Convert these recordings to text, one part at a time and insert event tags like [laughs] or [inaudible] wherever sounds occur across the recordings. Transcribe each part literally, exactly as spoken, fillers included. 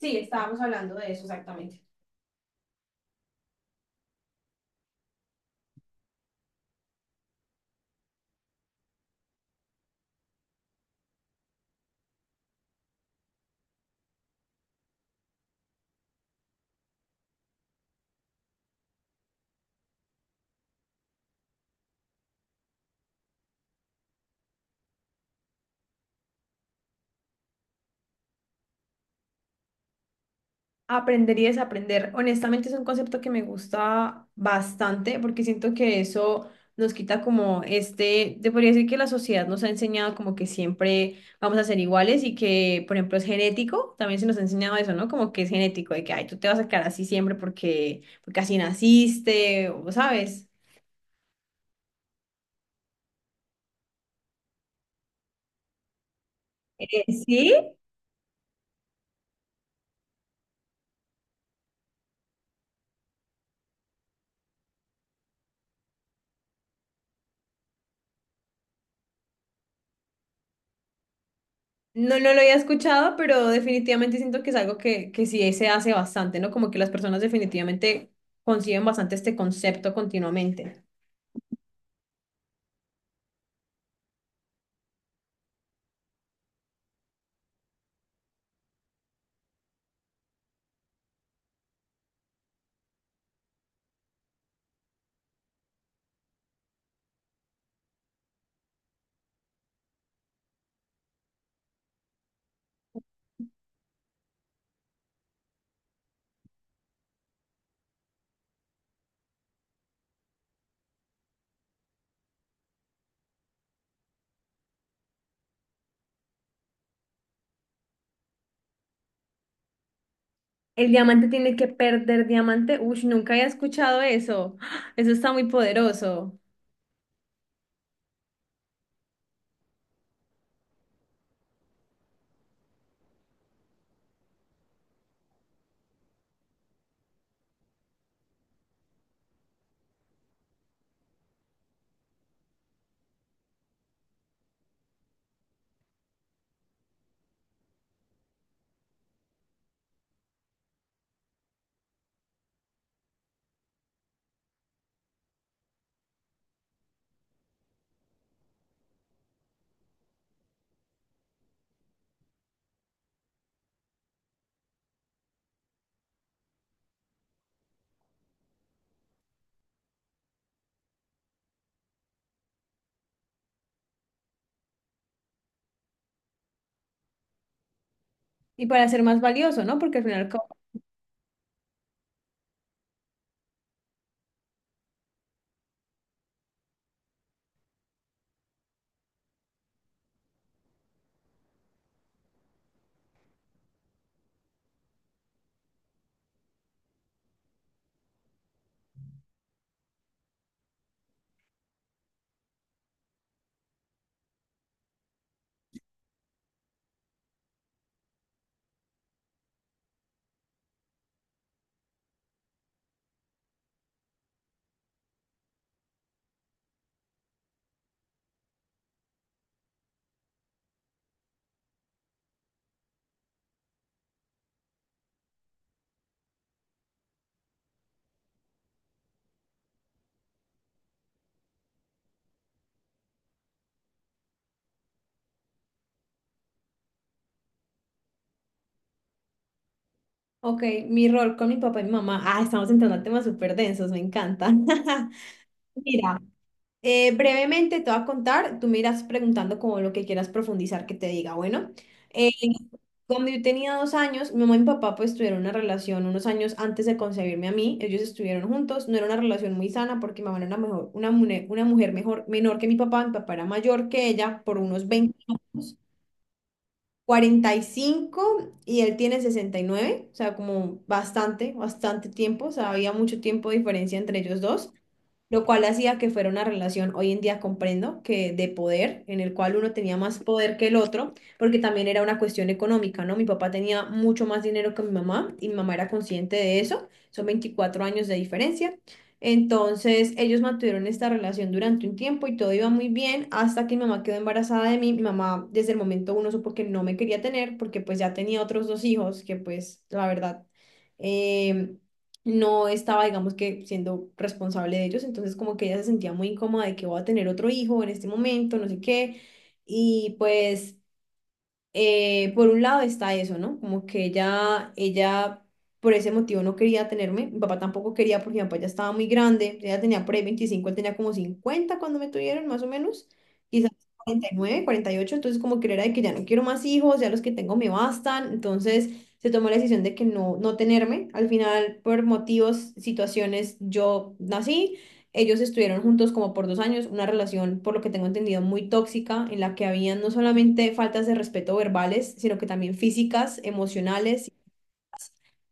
Sí, estábamos hablando de eso exactamente. Aprender y desaprender. Honestamente es un concepto que me gusta bastante porque siento que eso nos quita como este, te podría decir que la sociedad nos ha enseñado como que siempre vamos a ser iguales y que, por ejemplo, es genético, también se nos ha enseñado eso, ¿no? Como que es genético, de que, ay, tú te vas a quedar así siempre porque, porque así naciste, o sabes. Eh, sí, no, no lo había escuchado, pero definitivamente siento que es algo que, que sí se hace bastante, ¿no? Como que las personas definitivamente conciben bastante este concepto continuamente. El diamante tiene que perder diamante. Uy, nunca había escuchado eso. ¡Ah! Eso está muy poderoso. Y para ser más valioso, ¿no? Porque al final, co- ok, mi rol con mi papá y mi mamá. Ah, estamos entrando a temas súper densos, me encanta. [laughs] Mira. Eh, brevemente te voy a contar, tú me irás preguntando como lo que quieras profundizar que te diga. Bueno, eh, cuando yo tenía dos años, mi mamá y mi papá pues tuvieron una relación unos años antes de concebirme a mí, ellos estuvieron juntos, no era una relación muy sana porque mi mamá era una, mejor, una, mune- una mujer mejor, menor que mi papá, mi papá era mayor que ella por unos veinte años cuarenta y cinco y él tiene sesenta y nueve, o sea, como bastante, bastante tiempo, o sea, había mucho tiempo de diferencia entre ellos dos, lo cual hacía que fuera una relación, hoy en día comprendo, que de poder, en el cual uno tenía más poder que el otro, porque también era una cuestión económica, ¿no? Mi papá tenía mucho más dinero que mi mamá y mi mamá era consciente de eso, son veinticuatro años de diferencia. Entonces, ellos mantuvieron esta relación durante un tiempo y todo iba muy bien hasta que mi mamá quedó embarazada de mí. Mi mamá desde el momento uno supo que no me quería tener porque pues ya tenía otros dos hijos que pues la verdad em, no estaba, digamos, que siendo responsable de ellos. Entonces como que ella se sentía muy incómoda de que voy a tener otro hijo en este momento, no sé qué. Y pues eh, por un lado está eso, ¿no? Como que ella, ella por ese motivo no quería tenerme, mi papá tampoco quería porque mi papá ya estaba muy grande, ella tenía por ahí veinticinco, él tenía como cincuenta cuando me tuvieron, más o menos, quizás cuarenta cuarenta nueve, cuarenta y ocho. Entonces como que era de que ya no quiero más hijos, ya los que tengo me bastan, entonces se tomó la decisión de que no, no tenerme, al final por motivos, situaciones, yo nací. Ellos estuvieron juntos como por dos años, una relación, por lo que tengo entendido, muy tóxica, en la que habían no solamente faltas de respeto verbales, sino que también físicas, emocionales.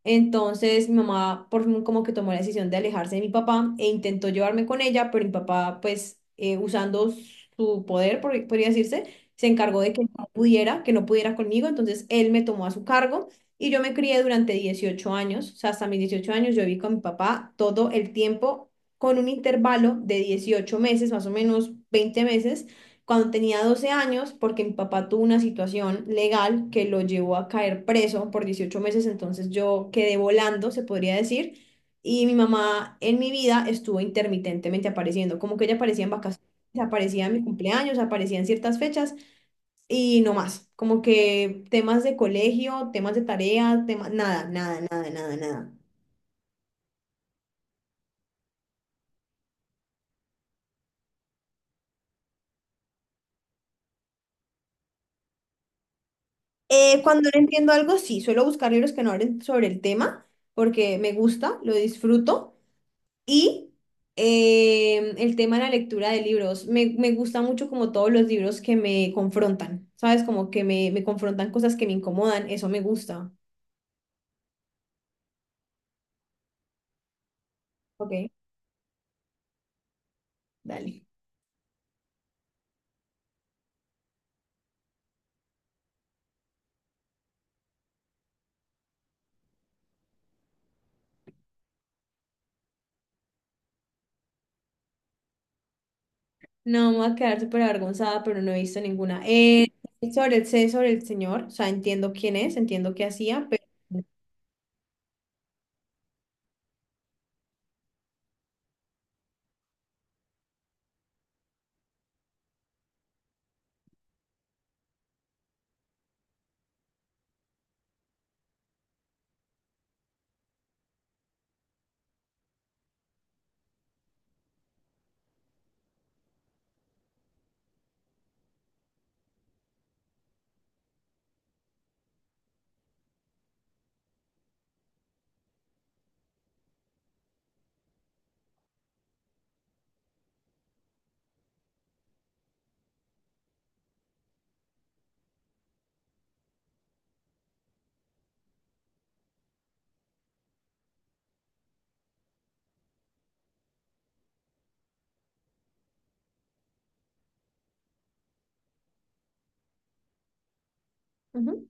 Entonces mi mamá por fin como que tomó la decisión de alejarse de mi papá e intentó llevarme con ella, pero mi papá pues eh, usando su poder, por- podría decirse, se encargó de que no pudiera, que no pudiera conmigo, entonces él me tomó a su cargo y yo me crié durante dieciocho años, o sea, hasta mis dieciocho años yo viví con mi papá todo el tiempo, con un intervalo de dieciocho meses, más o menos veinte meses, cuando tenía doce años, porque mi papá tuvo una situación legal que lo llevó a caer preso por dieciocho meses. Entonces yo quedé volando, se podría decir, y mi mamá en mi vida estuvo intermitentemente apareciendo, como que ella aparecía en vacaciones, aparecía en mi cumpleaños, aparecía en ciertas fechas y no más, como que temas de colegio, temas de tarea, temas, nada, nada, nada, nada, nada. Eh, cuando no entiendo algo, sí, suelo buscar libros que no hablen sobre el tema porque me gusta, lo disfruto. Y em, el tema de la lectura de libros. Me, me gusta mucho como todos los libros que me confrontan, ¿sabes? Como que me, me confrontan cosas que me incomodan, eso me gusta. Ok, dale. No, me voy a quedar súper avergonzada, pero no he visto ninguna. Eh, sobre el, sé sobre el señor, o sea, entiendo quién es, entiendo qué hacía, pero... Ujú.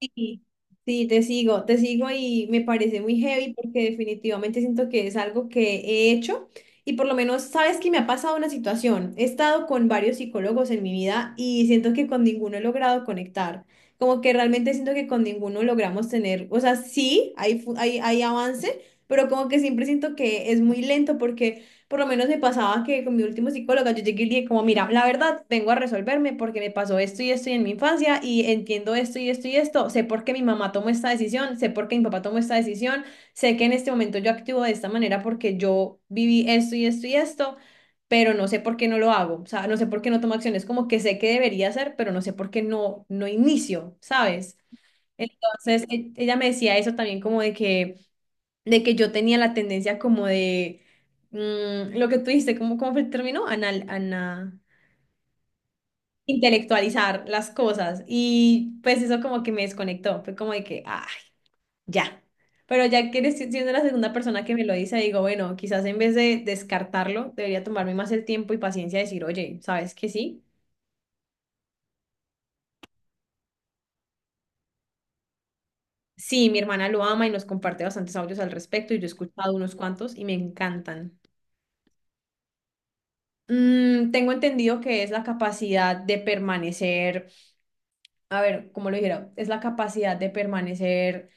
Sí, sí, te sigo, te sigo, y me parece muy heavy porque definitivamente siento que es algo que he hecho y por lo menos sabes que me ha pasado una situación. He estado con varios psicólogos en mi vida y siento que con ninguno he logrado conectar. Como que realmente siento que con ninguno logramos tener, o sea, sí, hay, fu- hay, hay avance, pero como que siempre siento que es muy lento porque... Por lo menos me pasaba que con mi último psicóloga yo llegué y le dije como, mira, la verdad, vengo a resolverme porque me pasó esto y esto y en mi infancia y entiendo esto y esto y esto, sé por qué mi mamá tomó esta decisión, sé por qué mi papá tomó esta decisión, sé que en este momento yo actúo de esta manera porque yo viví esto y esto y esto, pero no sé por qué no lo hago, o sea, no sé por qué no tomo acciones, como que sé que debería hacer, pero no sé por qué no, no inicio, ¿sabes? Entonces, e- ella me decía eso también, como de que de que yo tenía la tendencia, como de mm, lo que tú dijiste, ¿cómo, cómo fue el término? Anal, ana, intelectualizar las cosas. Y pues eso como que me desconectó. Fue como de que, ah, ya. Pero ya que eres si, siendo la segunda persona que me lo dice, digo, bueno, quizás en vez de descartarlo, debería tomarme más el tiempo y paciencia de decir, oye, ¿sabes qué sí? Sí, mi hermana lo ama y nos comparte bastantes audios al respecto y yo he escuchado unos cuantos y me encantan. Mm, tengo entendido que es la capacidad de permanecer, a ver, como lo dijera, es la capacidad de permanecer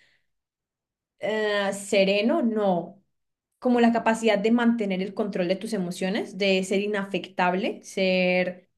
eh, sereno, no, como la capacidad de mantener el control de tus emociones, de ser inafectable, ser...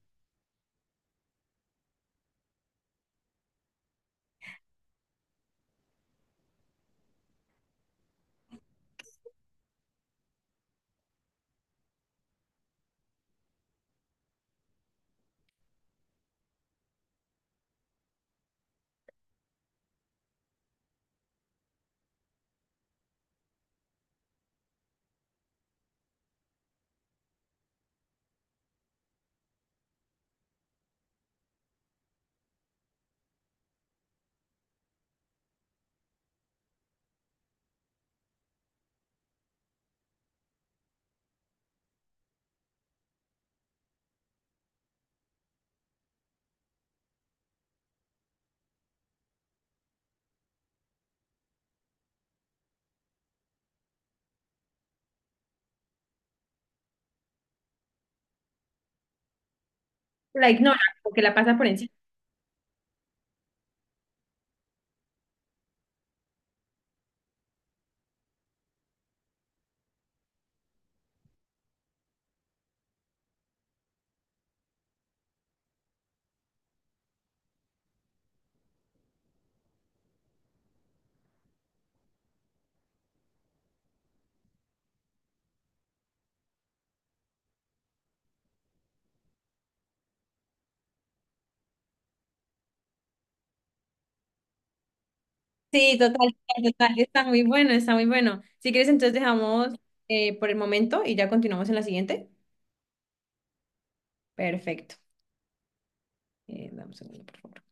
La ignora, porque la pasa por encima. Sí, total, total, está muy bueno, está muy bueno. Si quieres, entonces dejamos eh, por el momento y ya continuamos en la siguiente. Perfecto. Eh, dame un segundo, por favor.